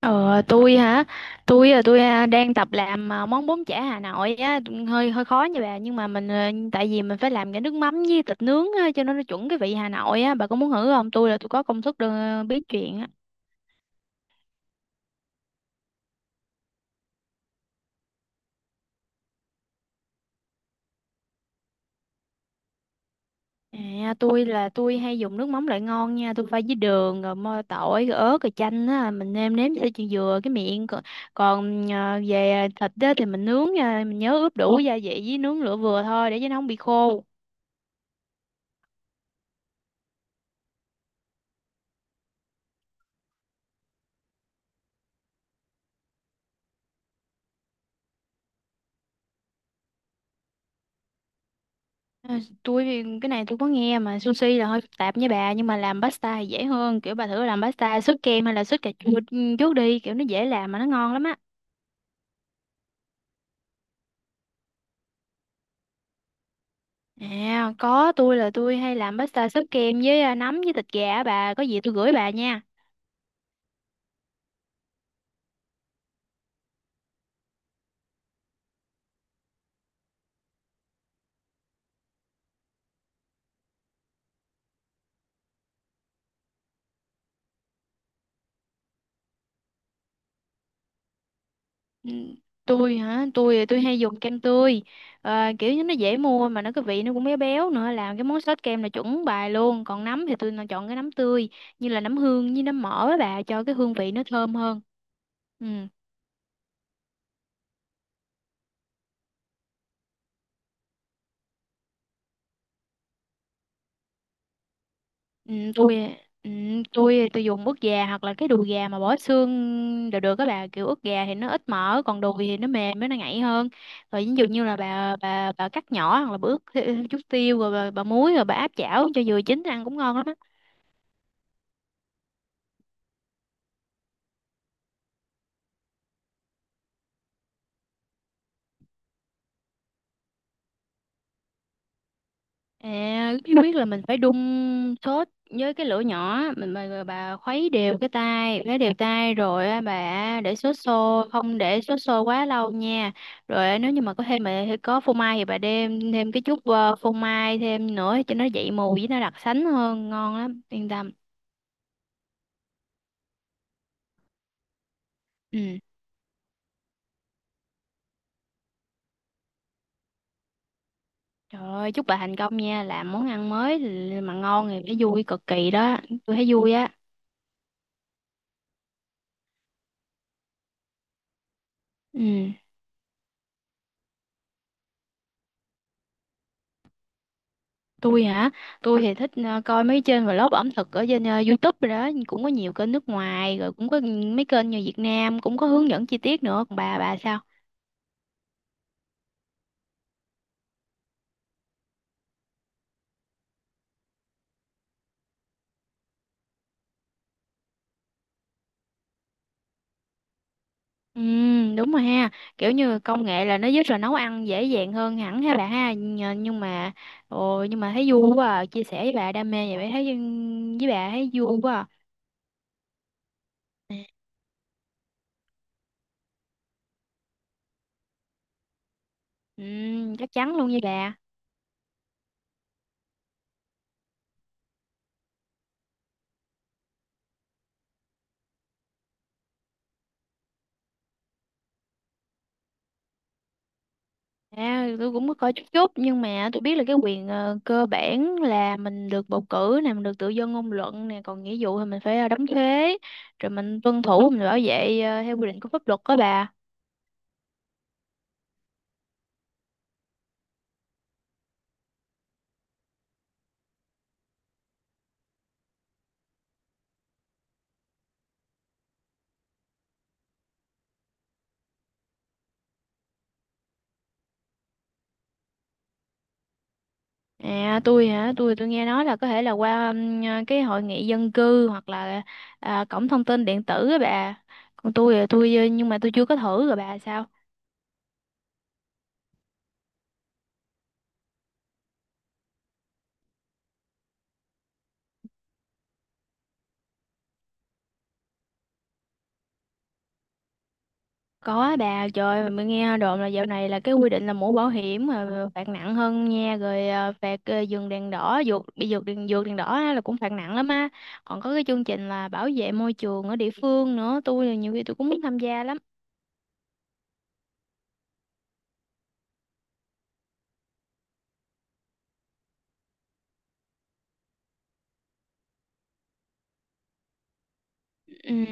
Ờ, tôi hả? Tôi đang tập làm món bún chả Hà Nội á, hơi hơi khó nha bà, nhưng mà tại vì mình phải làm cái nước mắm với thịt nướng á, cho nên nó chuẩn cái vị Hà Nội á, bà có muốn thử không? Tôi có công thức được biết chuyện á. À, tôi hay dùng nước mắm loại ngon nha, tôi pha với đường rồi mơ tỏi rồi ớt rồi chanh á, mình nêm nếm cho chị vừa cái miệng còn, còn à, về thịt á, thì mình nướng nha, mình nhớ ướp đủ gia vị với nướng lửa vừa thôi để cho nó không bị khô. Ờ, tôi thì cái này tôi có nghe mà sushi là hơi phức tạp với bà, nhưng mà làm pasta thì dễ hơn. Kiểu bà thử làm pasta sốt kem hay là sốt cà chua trước đi, kiểu nó dễ làm mà nó ngon lắm á. À có, tôi hay làm pasta sốt kem với nấm với thịt gà á, bà có gì tôi gửi bà nha. Ừ, tôi hả? Tôi hay dùng kem tươi. Ờ, kiểu như nó dễ mua mà nó cái vị nó cũng béo béo nữa, làm cái món sốt kem là chuẩn bài luôn. Còn nấm thì tôi chọn cái nấm tươi như là nấm hương với nấm mỡ á bà, cho cái hương vị nó thơm hơn. Ừ. Ừ, ừ, tôi dùng ức gà hoặc là cái đùi gà mà bỏ xương đều được các bà. Kiểu ức gà thì nó ít mỡ, còn đùi thì nó mềm với nó ngậy hơn. Rồi ví dụ như là bà cắt nhỏ, hoặc là bà ướp thêm chút tiêu rồi bà muối rồi bà áp chảo cho vừa chín ăn cũng ngon lắm á. À, biết biết là mình phải đun sốt với cái lửa nhỏ mình bà, bà khuấy đều tay rồi á, bà để sốt sôi, không để sốt sôi quá lâu nha. Rồi á, nếu như mà có thêm mà có phô mai thì bà đem thêm cái chút phô mai thêm nữa cho nó dậy mùi với nó đặc sánh hơn, ngon lắm yên tâm. Ừ. Trời ơi, chúc bà thành công nha, làm món ăn mới mà ngon thì phải vui cực kỳ đó, tôi thấy vui á. Ừ. Tôi hả? Tôi thì thích coi mấy trên vlog ẩm thực ở trên YouTube rồi đó, cũng có nhiều kênh nước ngoài, rồi cũng có mấy kênh như Việt Nam cũng có hướng dẫn chi tiết nữa. Còn bà sao? Ừ, đúng rồi ha, kiểu như công nghệ là nó giúp rồi nấu ăn dễ dàng hơn hẳn ha bà ha. Nhưng mà ồ, nhưng mà thấy vui quá à, chia sẻ với bà đam mê vậy, bà thấy với bà thấy vui quá à. Ừ, chắc chắn luôn với bà. À, tôi cũng có coi chút chút, nhưng mà tôi biết là cái quyền cơ bản là mình được bầu cử nè, mình được tự do ngôn luận nè, còn nghĩa vụ thì mình phải đóng thuế, rồi mình tuân thủ, mình bảo vệ theo quy định của pháp luật đó bà. À, tôi hả, tôi nghe nói là có thể là qua cái hội nghị dân cư hoặc là cổng thông tin điện tử á bà. Còn tôi thì nhưng mà tôi chưa có thử. Rồi bà sao? Có bà, trời ơi, mình nghe đồn là dạo này là cái quy định là mũ bảo hiểm mà phạt nặng hơn nha, rồi phạt dừng đèn đỏ, vượt đèn đỏ á, là cũng phạt nặng lắm á. Còn có cái chương trình là bảo vệ môi trường ở địa phương nữa, tôi nhiều khi cũng muốn tham gia lắm. Ừ.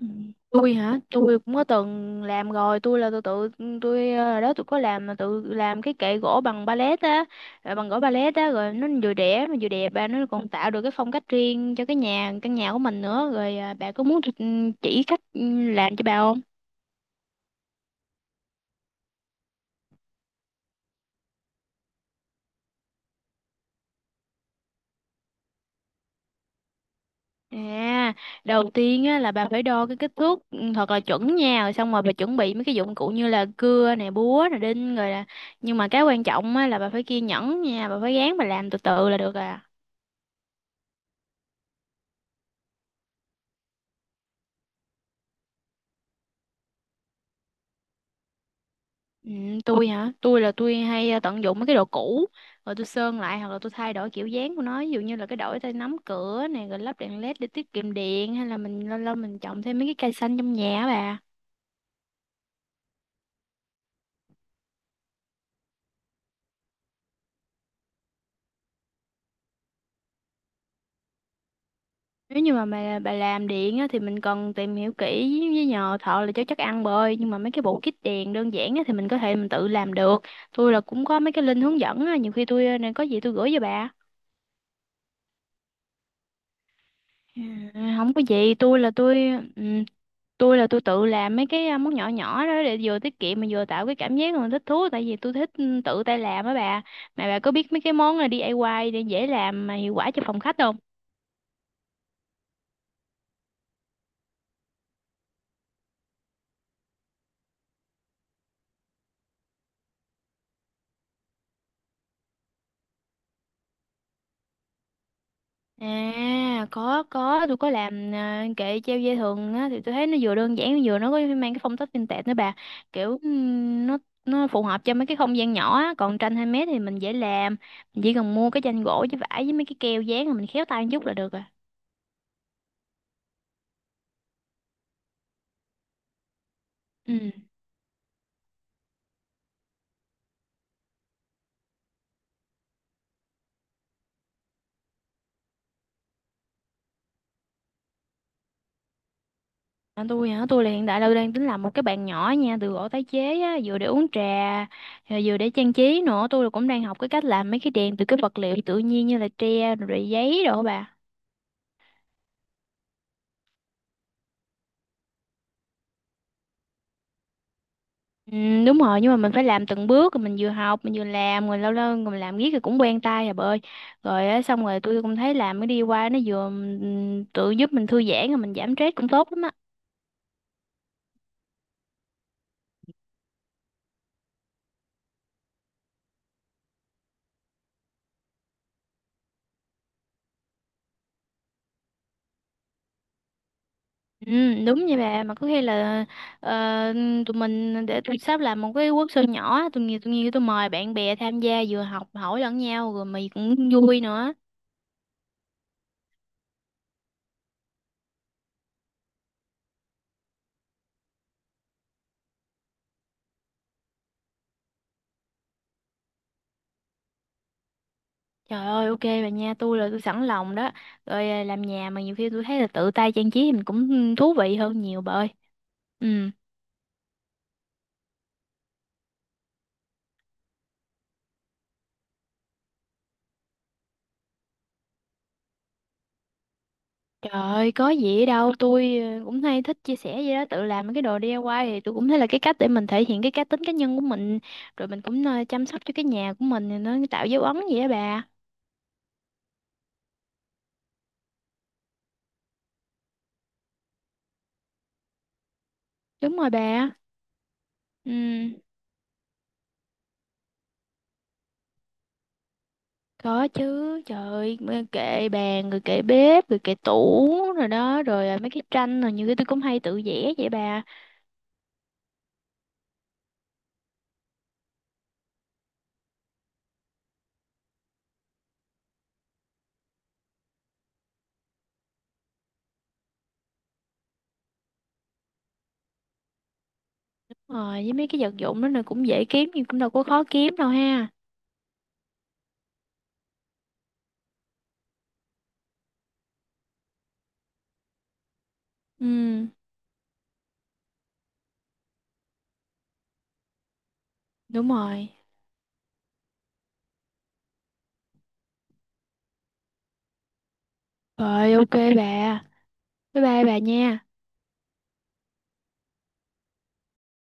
Ừ. Tôi hả? Tôi cũng có từng làm rồi, tôi là tôi tự tôi ờ, đó tôi có làm mà tự làm cái kệ gỗ bằng pallet á ờ, bằng gỗ pallet á, rồi nó vừa rẻ mà vừa đẹp bà, nó còn tạo được cái phong cách riêng cho cái nhà căn nhà của mình nữa. Rồi ờ, bà có muốn tôi chỉ cách làm cho bà không? À, đầu tiên á là bà phải đo cái kích thước thật là chuẩn nha, rồi xong rồi bà chuẩn bị mấy cái dụng cụ như là cưa nè, búa nè, đinh, rồi là nhưng mà cái quan trọng á là bà phải kiên nhẫn nha, bà phải gán, bà làm từ từ là được à. Ừ, tôi hả? Tôi hay tận dụng mấy cái đồ cũ rồi tôi sơn lại, hoặc là tôi thay đổi kiểu dáng của nó, ví dụ như là cái đổi tay nắm cửa này, rồi lắp đèn led để tiết kiệm điện, hay là mình lâu lâu mình trồng thêm mấy cái cây xanh trong nhà á bà. Nếu như mà bà làm điện á, thì mình cần tìm hiểu kỹ với nhờ thợ là cho chắc ăn bơi, nhưng mà mấy cái bộ kit đèn đơn giản á, thì mình có thể mình tự làm được. Tôi là cũng có mấy cái link hướng dẫn á, nhiều khi tôi à, này có gì tôi gửi cho bà. Ừ, không có gì, tôi là tôi ừ, tôi là tôi tự làm mấy cái món nhỏ nhỏ đó để vừa tiết kiệm mà vừa tạo cái cảm giác mà thích thú, tại vì tôi thích tự tay làm á bà. Mà bà có biết mấy cái món là DIY để dễ làm mà hiệu quả cho phòng khách không? À có, tôi có làm kệ treo dây thừng á, thì tôi thấy nó vừa đơn giản, vừa nó có mang cái phong cách vintage nữa bà, kiểu nó phù hợp cho mấy cái không gian nhỏ á. Còn tranh 2 mét thì mình dễ làm, mình chỉ cần mua cái tranh gỗ với vải với mấy cái keo dán, rồi mình khéo tay một chút là được à. Ừ. À, tôi hả? Tôi là hiện tại là tôi đang tính làm một cái bàn nhỏ nha, từ gỗ tái chế á, vừa để uống trà rồi vừa để trang trí nữa. Tôi cũng đang học cái cách làm mấy cái đèn từ cái vật liệu tự nhiên như là tre rồi rồi giấy đồ á bà. Ừ, đúng rồi, nhưng mà mình phải làm từng bước, rồi mình vừa học mình vừa làm, rồi lâu lâu mình làm riết rồi cũng quen tay à bà ơi. Rồi á, xong rồi tôi cũng thấy làm cái đi qua nó vừa tự giúp mình thư giãn, rồi mình giảm stress cũng tốt lắm á. Ừ, đúng vậy bà, mà có khi là ờ, tụi mình để tụi sắp làm một cái workshop nhỏ, tụi mời bạn bè tham gia, vừa học hỏi lẫn nhau rồi mày cũng vui nữa. Trời ơi, ok bà nha, tôi sẵn lòng đó. Rồi à, làm nhà mà nhiều khi tôi thấy là tự tay trang trí thì mình cũng thú vị hơn nhiều bà ơi. Ừ. Trời ơi có gì ở đâu, tôi cũng hay thích chia sẻ vậy đó. Tự làm mấy cái đồ DIY thì tôi cũng thấy là cái cách để mình thể hiện cái cá tính cá nhân của mình, rồi mình cũng chăm sóc cho cái nhà của mình thì nó tạo dấu ấn vậy á bà. Đúng rồi bà. Ừ, có chứ. Trời ơi, mấy kệ bàn, rồi kệ bếp, rồi kệ tủ rồi đó, rồi mấy cái tranh, rồi nhiều cái tôi cũng hay tự vẽ vậy bà. Ờ, với mấy cái vật dụng đó là cũng dễ kiếm, nhưng cũng đâu có khó kiếm đâu ha. Ừ, đúng rồi. Rồi ok bà. Bye bye bà nha.